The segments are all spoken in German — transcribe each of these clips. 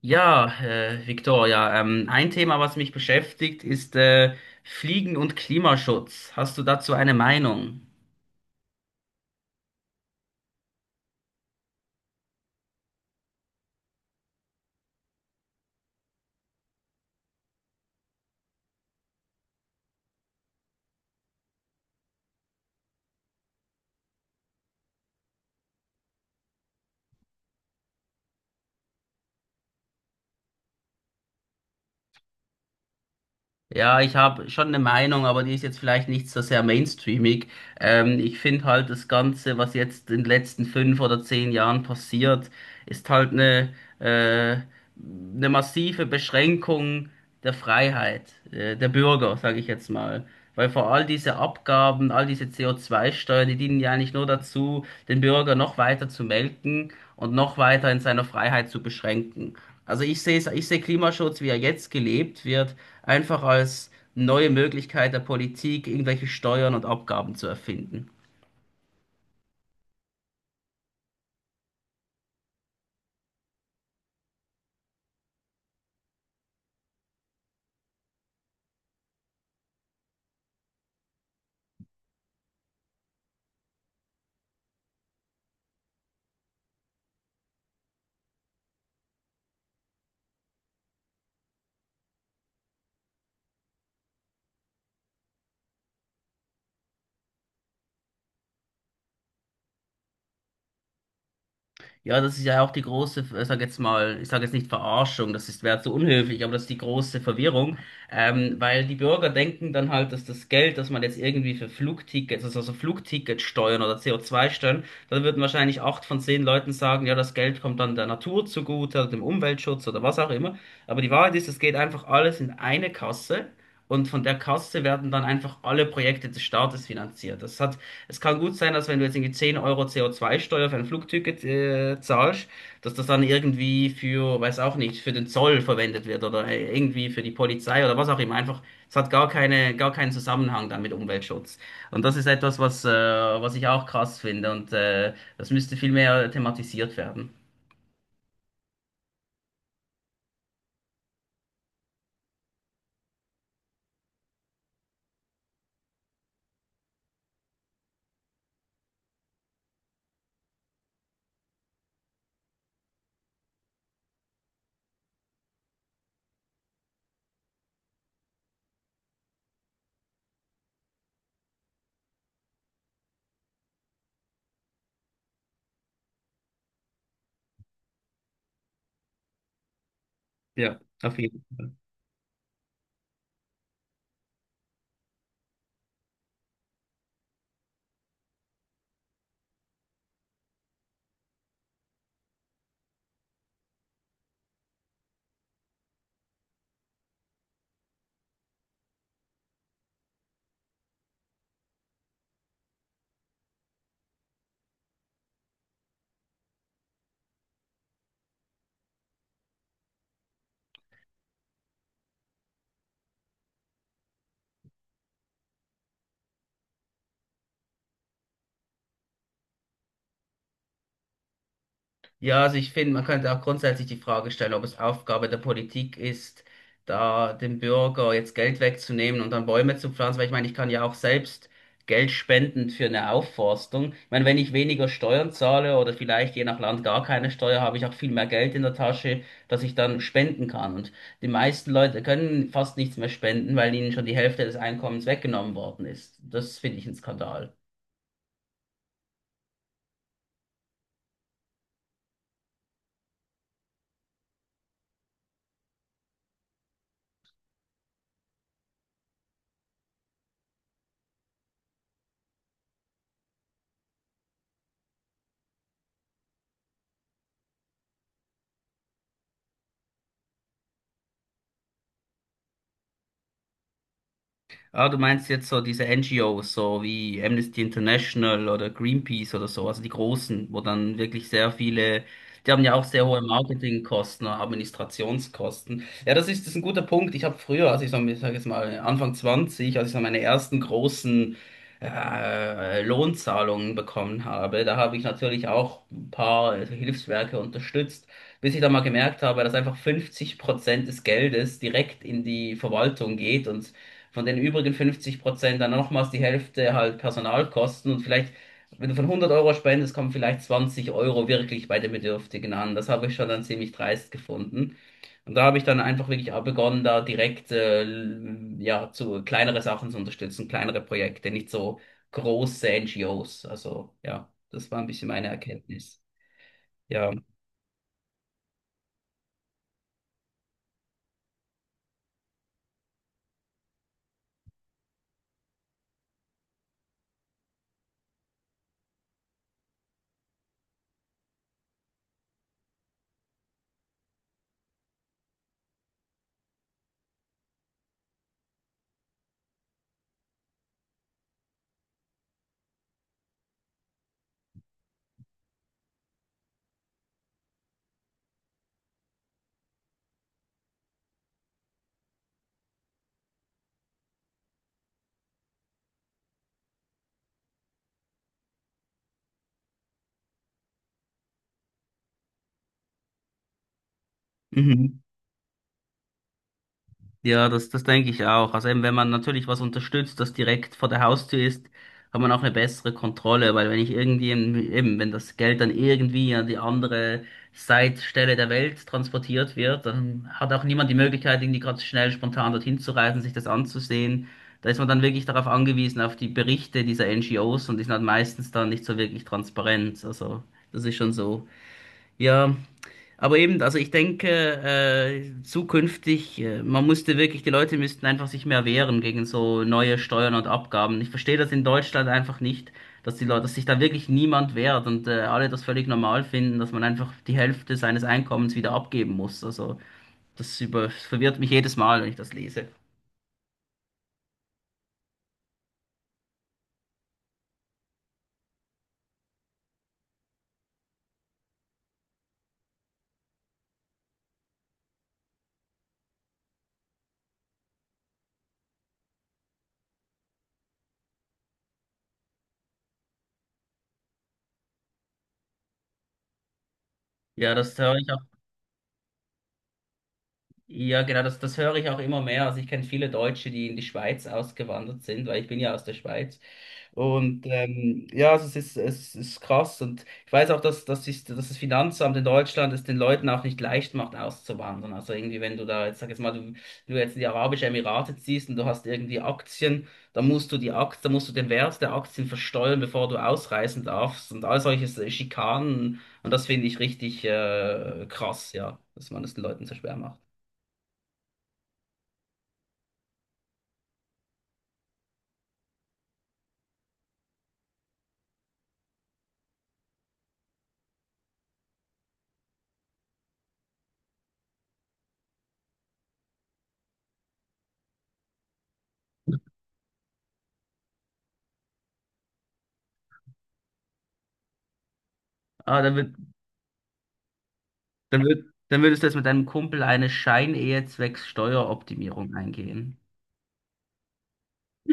Ja, Victoria, ein Thema, was mich beschäftigt, ist Fliegen und Klimaschutz. Hast du dazu eine Meinung? Ja, ich habe schon eine Meinung, aber die ist jetzt vielleicht nicht so sehr mainstreamig. Ich finde halt das Ganze, was jetzt in den letzten fünf oder zehn Jahren passiert, ist halt äh, eine massive Beschränkung der Freiheit, der Bürger, sage ich jetzt mal. Weil vor all diese Abgaben, all diese CO2-Steuern, die dienen ja eigentlich nur dazu, den Bürger noch weiter zu melken und noch weiter in seiner Freiheit zu beschränken. Also ich sehe Klimaschutz, wie er jetzt gelebt wird, einfach als neue Möglichkeit der Politik, irgendwelche Steuern und Abgaben zu erfinden. Ja, das ist ja auch die große, ich sag jetzt mal, ich sage jetzt nicht Verarschung, das ist, wäre zu unhöflich, aber das ist die große Verwirrung, weil die Bürger denken dann halt, dass das Geld, das man jetzt irgendwie für Flugtickets, also so Flugticketsteuern oder CO2-Steuern, dann würden wahrscheinlich 8 von 10 Leuten sagen, ja, das Geld kommt dann der Natur zugute oder dem Umweltschutz oder was auch immer. Aber die Wahrheit ist, es geht einfach alles in eine Kasse. Und von der Kasse werden dann einfach alle Projekte des Staates finanziert. Das hat, es kann gut sein, dass wenn du jetzt irgendwie 10 Euro co zwei steuer für ein Flugticket zahlst, dass das dann irgendwie für, weiß auch nicht, für den Zoll verwendet wird oder irgendwie für die Polizei oder was auch immer. Einfach, es hat gar keine, gar keinen Zusammenhang dann mit Umweltschutz. Und das ist etwas, was ich auch krass finde und das müsste viel mehr thematisiert werden. Ja, auf jeden Fall. Ja, also ich finde, man könnte auch grundsätzlich die Frage stellen, ob es Aufgabe der Politik ist, da dem Bürger jetzt Geld wegzunehmen und dann Bäume zu pflanzen, weil ich meine, ich kann ja auch selbst Geld spenden für eine Aufforstung. Ich meine, wenn ich weniger Steuern zahle oder vielleicht je nach Land gar keine Steuer, habe ich auch viel mehr Geld in der Tasche, das ich dann spenden kann. Und die meisten Leute können fast nichts mehr spenden, weil ihnen schon die Hälfte des Einkommens weggenommen worden ist. Das finde ich ein Skandal. Ah, du meinst jetzt so diese NGOs, so wie Amnesty International oder Greenpeace oder so, also die großen, wo dann wirklich sehr viele, die haben ja auch sehr hohe Marketingkosten, Administrationskosten. Ja, das ist ein guter Punkt. Ich habe früher, als ich so, ich sag jetzt mal Anfang 20, als ich so meine ersten großen Lohnzahlungen bekommen habe, da habe ich natürlich auch ein paar Hilfswerke unterstützt, bis ich dann mal gemerkt habe, dass einfach 50% des Geldes direkt in die Verwaltung geht und von den übrigen 50% dann nochmals die Hälfte halt Personalkosten und vielleicht, wenn du von 100 Euro spendest, kommen vielleicht 20 Euro wirklich bei den Bedürftigen an. Das habe ich schon dann ziemlich dreist gefunden. Und da habe ich dann einfach wirklich auch begonnen, da direkt ja, zu kleinere Sachen zu unterstützen, kleinere Projekte, nicht so große NGOs. Also ja, das war ein bisschen meine Erkenntnis. Ja. Mhm. Ja, das denke ich auch. Also eben, wenn man natürlich was unterstützt, das direkt vor der Haustür ist, hat man auch eine bessere Kontrolle, weil wenn ich irgendwie, eben, wenn das Geld dann irgendwie an die andere Seitstelle der Welt transportiert wird, dann hat auch niemand die Möglichkeit, irgendwie gerade schnell spontan dorthin zu reisen, sich das anzusehen. Da ist man dann wirklich darauf angewiesen, auf die Berichte dieser NGOs und die sind halt meistens dann nicht so wirklich transparent. Also, das ist schon so. Ja, aber eben, also ich denke, zukünftig, man musste wirklich, die Leute müssten einfach sich mehr wehren gegen so neue Steuern und Abgaben. Ich verstehe das in Deutschland einfach nicht, dass die Leute, dass sich da wirklich niemand wehrt und alle das völlig normal finden, dass man einfach die Hälfte seines Einkommens wieder abgeben muss. Also das über, das verwirrt mich jedes Mal, wenn ich das lese. Ja, das höre ich auch. Ja, genau, das höre ich auch immer mehr. Also ich kenne viele Deutsche, die in die Schweiz ausgewandert sind, weil ich bin ja aus der Schweiz. Und ja, also es ist krass. Und ich weiß auch, dass das Finanzamt in Deutschland es den Leuten auch nicht leicht macht, auszuwandern. Also irgendwie, wenn du da jetzt, sag jetzt mal, du jetzt in die Arabischen Emirate ziehst und du hast irgendwie Aktien, dann musst du die Aktien, dann musst du den Wert der Aktien versteuern, bevor du ausreisen darfst. Und all solche Schikanen. Und das finde ich richtig krass, ja, dass man es den Leuten so schwer macht. Ah, dann würdest du jetzt mit deinem Kumpel eine Scheinehe zwecks Steueroptimierung eingehen.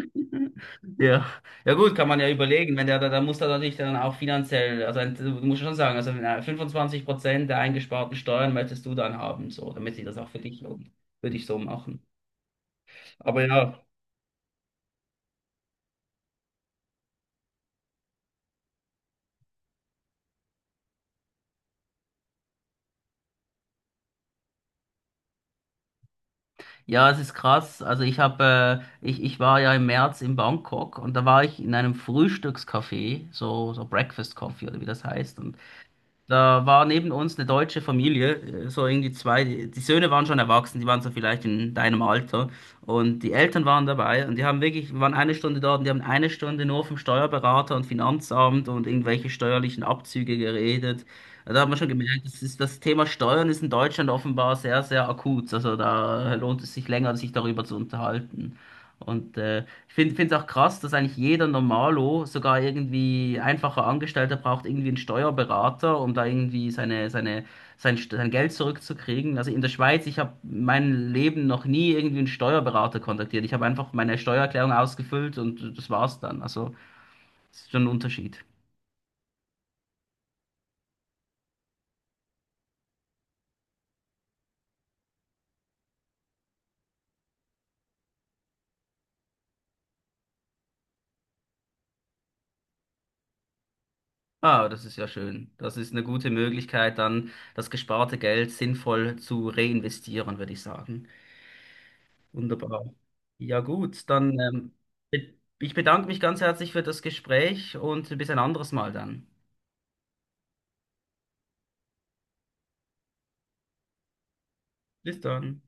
Ja, ja gut, kann man ja überlegen, wenn der, da muss da natürlich dann auch finanziell, also ein- du musst ja schon sagen, also 25% der eingesparten Steuern möchtest du dann haben, so, damit sich das auch für dich lohnt. Würde ich so machen. Aber ja. Ja, es ist krass. Also ich habe, ich war ja im März in Bangkok und da war ich in einem Frühstückscafé, so, so Breakfast Coffee oder wie das heißt. Und da war neben uns eine deutsche Familie, so irgendwie zwei, die die Söhne waren schon erwachsen, die waren so vielleicht in deinem Alter und die Eltern waren dabei und die haben wirklich, waren eine Stunde dort und die haben eine Stunde nur vom Steuerberater und Finanzamt und irgendwelche steuerlichen Abzüge geredet. Da hat man schon gemerkt, das ist, das Thema Steuern ist in Deutschland offenbar sehr, sehr akut. Also da lohnt es sich länger, sich darüber zu unterhalten. Und ich finde es auch krass, dass eigentlich jeder Normalo, sogar irgendwie einfacher Angestellter, braucht irgendwie einen Steuerberater, um da irgendwie St- sein Geld zurückzukriegen. Also in der Schweiz, ich habe mein Leben noch nie irgendwie einen Steuerberater kontaktiert. Ich habe einfach meine Steuererklärung ausgefüllt und das war's dann. Also das ist schon ein Unterschied. Ah, das ist ja schön. Das ist eine gute Möglichkeit, dann das gesparte Geld sinnvoll zu reinvestieren, würde ich sagen. Wunderbar. Ja gut, dann be- ich bedanke mich ganz herzlich für das Gespräch und bis ein anderes Mal dann. Bis dann.